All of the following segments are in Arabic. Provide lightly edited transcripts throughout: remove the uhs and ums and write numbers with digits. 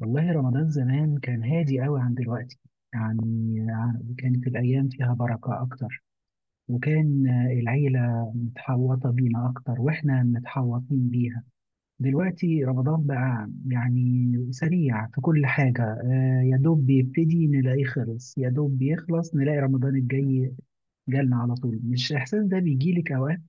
والله رمضان زمان كان هادي قوي عن دلوقتي. كانت الأيام فيها بركة أكتر، وكان العيلة متحوطة بينا أكتر وإحنا متحوطين بيها. دلوقتي رمضان بقى يعني سريع في كل حاجة، يا دوب بيبتدي نلاقيه خلص، يا دوب بيخلص نلاقي رمضان الجاي جالنا على طول. مش الإحساس ده بيجيلك أوقات؟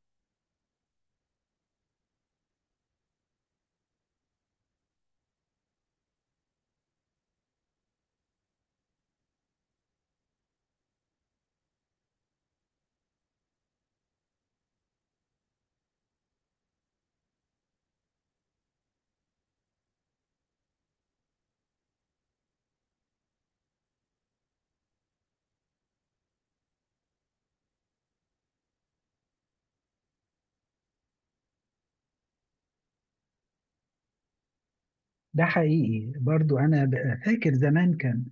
ده حقيقي برضو. فاكر زمان كان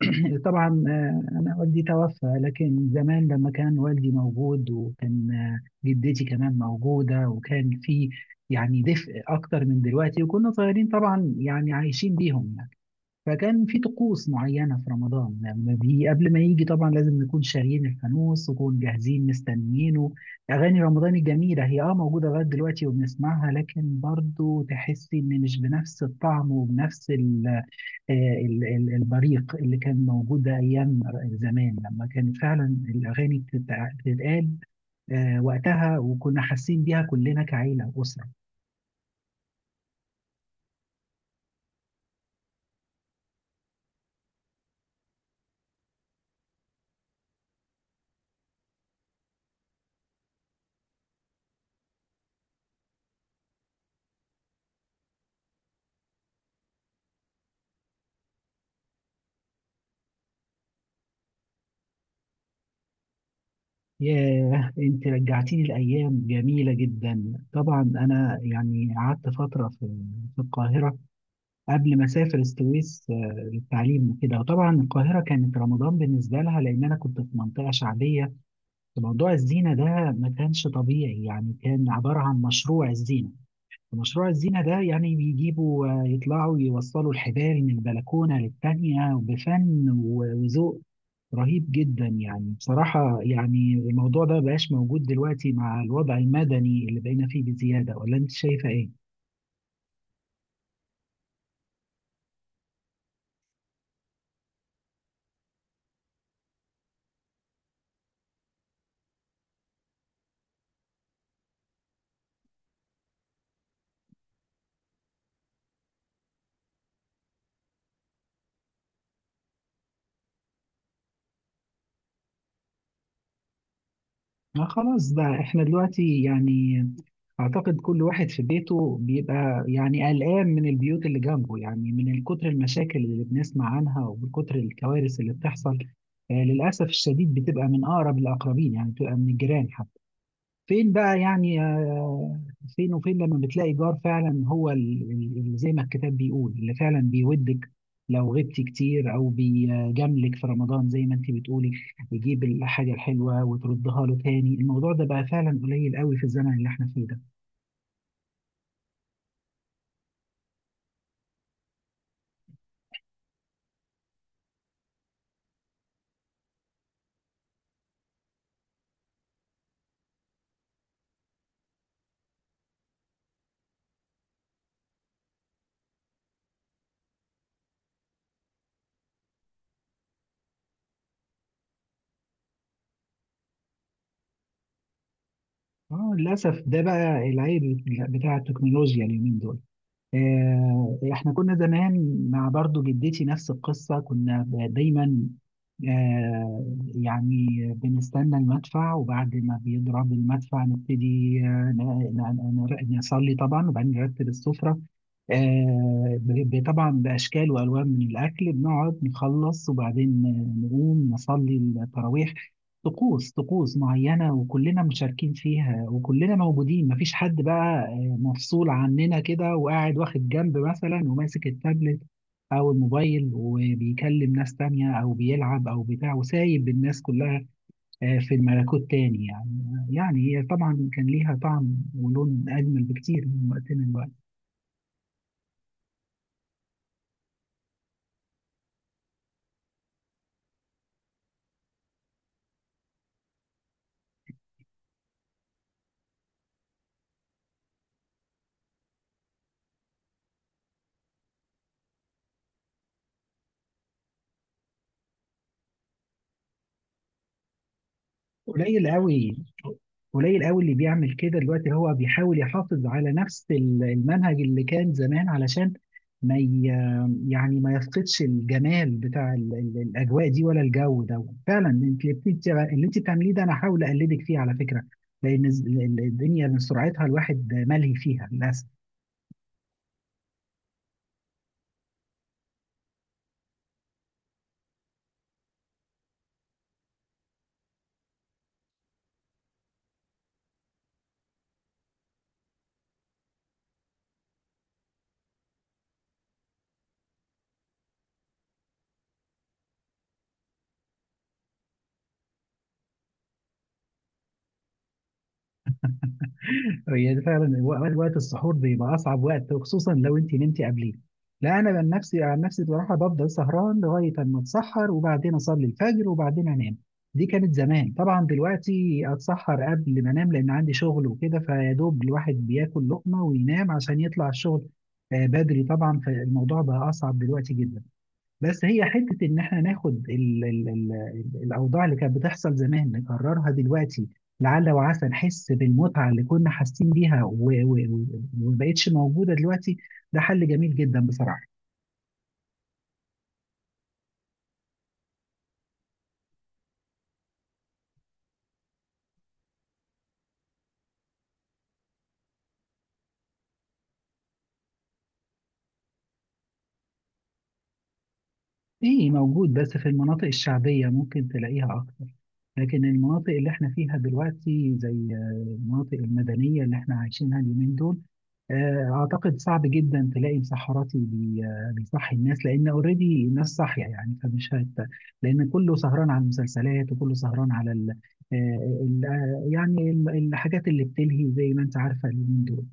طبعا، أنا والدي توفى، لكن زمان لما كان والدي موجود وكان، جدتي كمان موجودة، وكان في يعني دفء أكتر من دلوقتي، وكنا صغيرين طبعا يعني عايشين بيهم يعني. فكان في طقوس معينة في رمضان، لما قبل ما يجي طبعا لازم نكون شاريين الفانوس ونكون جاهزين مستنيينه. أغاني رمضان الجميلة هي اه موجودة لغاية دلوقتي وبنسمعها، لكن برضو تحسي إن مش بنفس الطعم وبنفس ال، البريق اللي كان موجود ايام زمان، لما كانت فعلا الاغاني بتتقال وقتها، وكنا حاسين بيها كلنا كعيله واسره. ياه، انت رجعتيني لايام جميله جدا. طبعا انا يعني قعدت فتره في القاهره قبل ما اسافر السويس، للتعليم وكده. وطبعا القاهره كانت رمضان بالنسبه لها، لان انا كنت في منطقه شعبيه. موضوع الزينه ده ما كانش طبيعي، يعني كان عباره عن مشروع الزينه. مشروع الزينة ده يعني بيجيبوا، يطلعوا يوصلوا الحبال من بلكونة للتانية بفن وذوق رهيب جدا. يعني بصراحة يعني الموضوع ده مبقاش موجود دلوقتي مع الوضع المدني اللي بقينا فيه بزيادة، ولا أنت شايفة إيه؟ ما خلاص بقى احنا دلوقتي يعني اعتقد كل واحد في بيته بيبقى يعني قلقان من البيوت اللي جنبه، يعني من كتر المشاكل اللي بنسمع عنها ومن كتر الكوارث اللي بتحصل. للاسف الشديد بتبقى من اقرب الاقربين، يعني بتبقى من الجيران. فين بقى يعني فين وفين لما بتلاقي جار فعلا هو اللي زي ما الكتاب بيقول، اللي فعلا بيودك لو غبتي كتير، او بيجاملك في رمضان زي ما انت بتقولي، يجيب الحاجه الحلوه وتردها له تاني. الموضوع ده بقى فعلا قليل قوي في الزمن اللي احنا فيه ده. اه للاسف ده بقى العيب بتاع التكنولوجيا اليومين دول. احنا كنا زمان مع برضو جدتي نفس القصة، كنا دايما آه، يعني بنستنى المدفع، وبعد ما بيضرب المدفع نبتدي نصلي طبعا، وبعدين نرتب السفرة طبعا بأشكال وألوان من الأكل. بنقعد نخلص، وبعدين نقوم نصلي التراويح. طقوس معينة وكلنا مشاركين فيها وكلنا موجودين، مفيش حد بقى مفصول عننا كده وقاعد واخد جنب مثلا وماسك التابلت او الموبايل وبيكلم ناس تانية او بيلعب او بتاع وسايب الناس كلها، في الملكوت تاني يعني. يعني هي طبعا كان ليها طعم ولون اجمل بكتير من وقتنا دلوقتي. قليل قوي. قليل قوي اللي بيعمل كده دلوقتي، هو بيحاول يحافظ على نفس المنهج اللي كان زمان، علشان ما ي... يعني ما يفقدش الجمال بتاع الاجواء دي ولا الجو ده. فعلا انت اللي اللي انت بتعمليه ده انا هحاول اقلدك فيه على فكره، لان الدنيا من سرعتها الواحد ملهي فيها للاسف. هي ده فعلا وقت السحور بيبقى اصعب وقت، وخصوصا لو انت نمتي قبليه. لا انا عن نفسي بصراحه بفضل سهران لغايه اما اتسحر، وبعدين اصلي الفجر وبعدين انام. دي كانت زمان طبعا، دلوقتي اتسحر قبل ما انام لان عندي شغل وكده، فيا دوب الواحد بياكل لقمه وينام عشان يطلع الشغل بدري طبعا. فالموضوع بقى اصعب دلوقتي جدا. بس هي حتة إن إحنا ناخد الأوضاع اللي كانت بتحصل زمان نكررها دلوقتي، لعل وعسى نحس بالمتعة اللي كنا حاسين بيها و- و- ومبقتش موجودة دلوقتي. ده حل جميل جدا بصراحة. ايه موجود، بس في المناطق الشعبية ممكن تلاقيها أكتر، لكن المناطق اللي احنا فيها دلوقتي زي المناطق المدنية اللي احنا عايشينها اليومين دول، أعتقد صعب جدا تلاقي مسحراتي بيصحي الناس، لأن أوريدي الناس صاحية يعني فمش هت. لأن كله سهران على المسلسلات وكله سهران على ال... آه، ال... آه، يعني الحاجات اللي بتلهي زي ما أنت عارفة اليومين دول.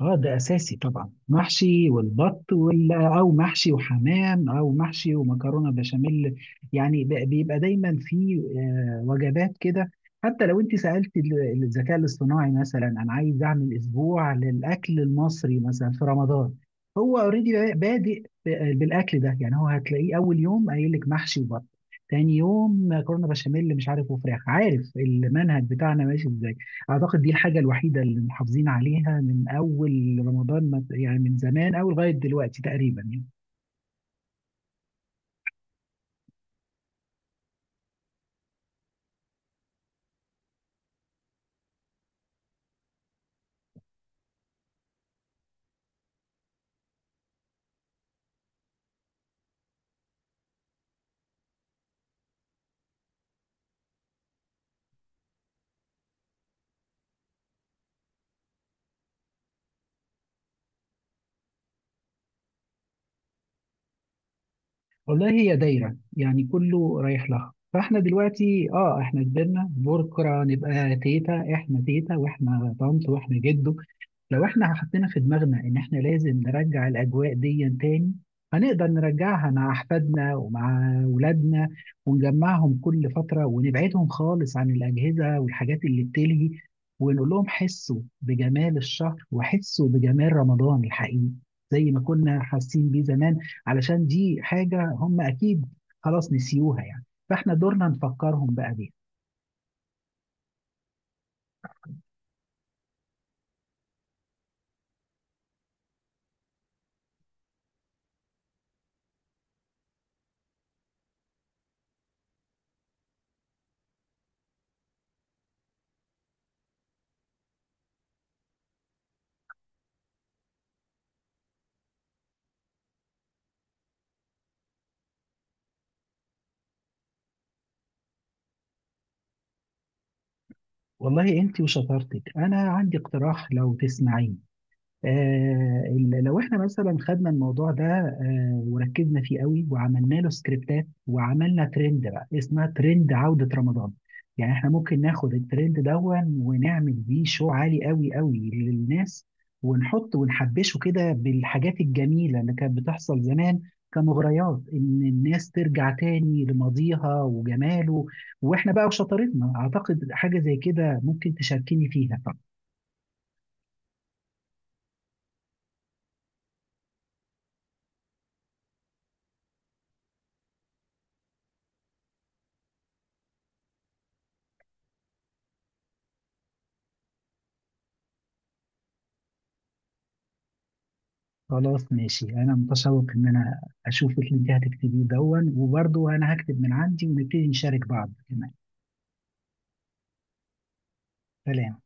اه ده اساسي طبعا، محشي والبط وال او محشي وحمام او محشي ومكرونه بشاميل، يعني بيبقى دايما في وجبات كده. حتى لو انت سالت الذكاء الاصطناعي مثلا انا عايز اعمل اسبوع للاكل المصري مثلا في رمضان، هو اوريدي بادئ بالاكل ده، يعني هو هتلاقيه اول يوم قايل لك محشي وبط، تاني يوم مكرونه بشاميل مش عارف وفراخ، عارف المنهج بتاعنا ماشي ازاي. أعتقد دي الحاجة الوحيدة اللي محافظين عليها من أول رمضان يعني من زمان أوي لغاية دلوقتي تقريبا يعني. والله هي دايرة، يعني كله رايح لها. فاحنا دلوقتي اه احنا كبرنا، بكرة نبقى تيتا، احنا تيتا واحنا طنط واحنا جدو. لو احنا حطينا في دماغنا ان احنا لازم نرجع الاجواء دي تاني، هنقدر نرجعها مع احفادنا ومع اولادنا، ونجمعهم كل فترة ونبعدهم خالص عن الاجهزة والحاجات اللي بتلهي، ونقول لهم حسوا بجمال الشهر وحسوا بجمال رمضان الحقيقي زي ما كنا حاسين بيه زمان، علشان دي حاجة هم أكيد خلاص نسيوها يعني. فإحنا دورنا نفكرهم بقى بيها. والله أنت وشطارتك. أنا عندي اقتراح لو تسمعين، لو احنا مثلا خدنا الموضوع ده، وركزنا فيه قوي وعملنا له سكريبتات وعملنا ترند بقى اسمها ترند عودة رمضان. يعني احنا ممكن ناخد الترند دون ونعمل بيه شو عالي قوي قوي للناس، ونحط ونحبشه كده بالحاجات الجميلة اللي كانت بتحصل زمان كمغريات ان الناس ترجع تاني لماضيها وجماله. واحنا بقى وشطارتنا اعتقد حاجة زي كده ممكن تشاركيني فيها. خلاص ماشي، انا متشوق ان انا اشوف اللي انت هتكتبيه دون، وبرضه انا هكتب من عندي ونبتدي نشارك بعض كمان. سلام.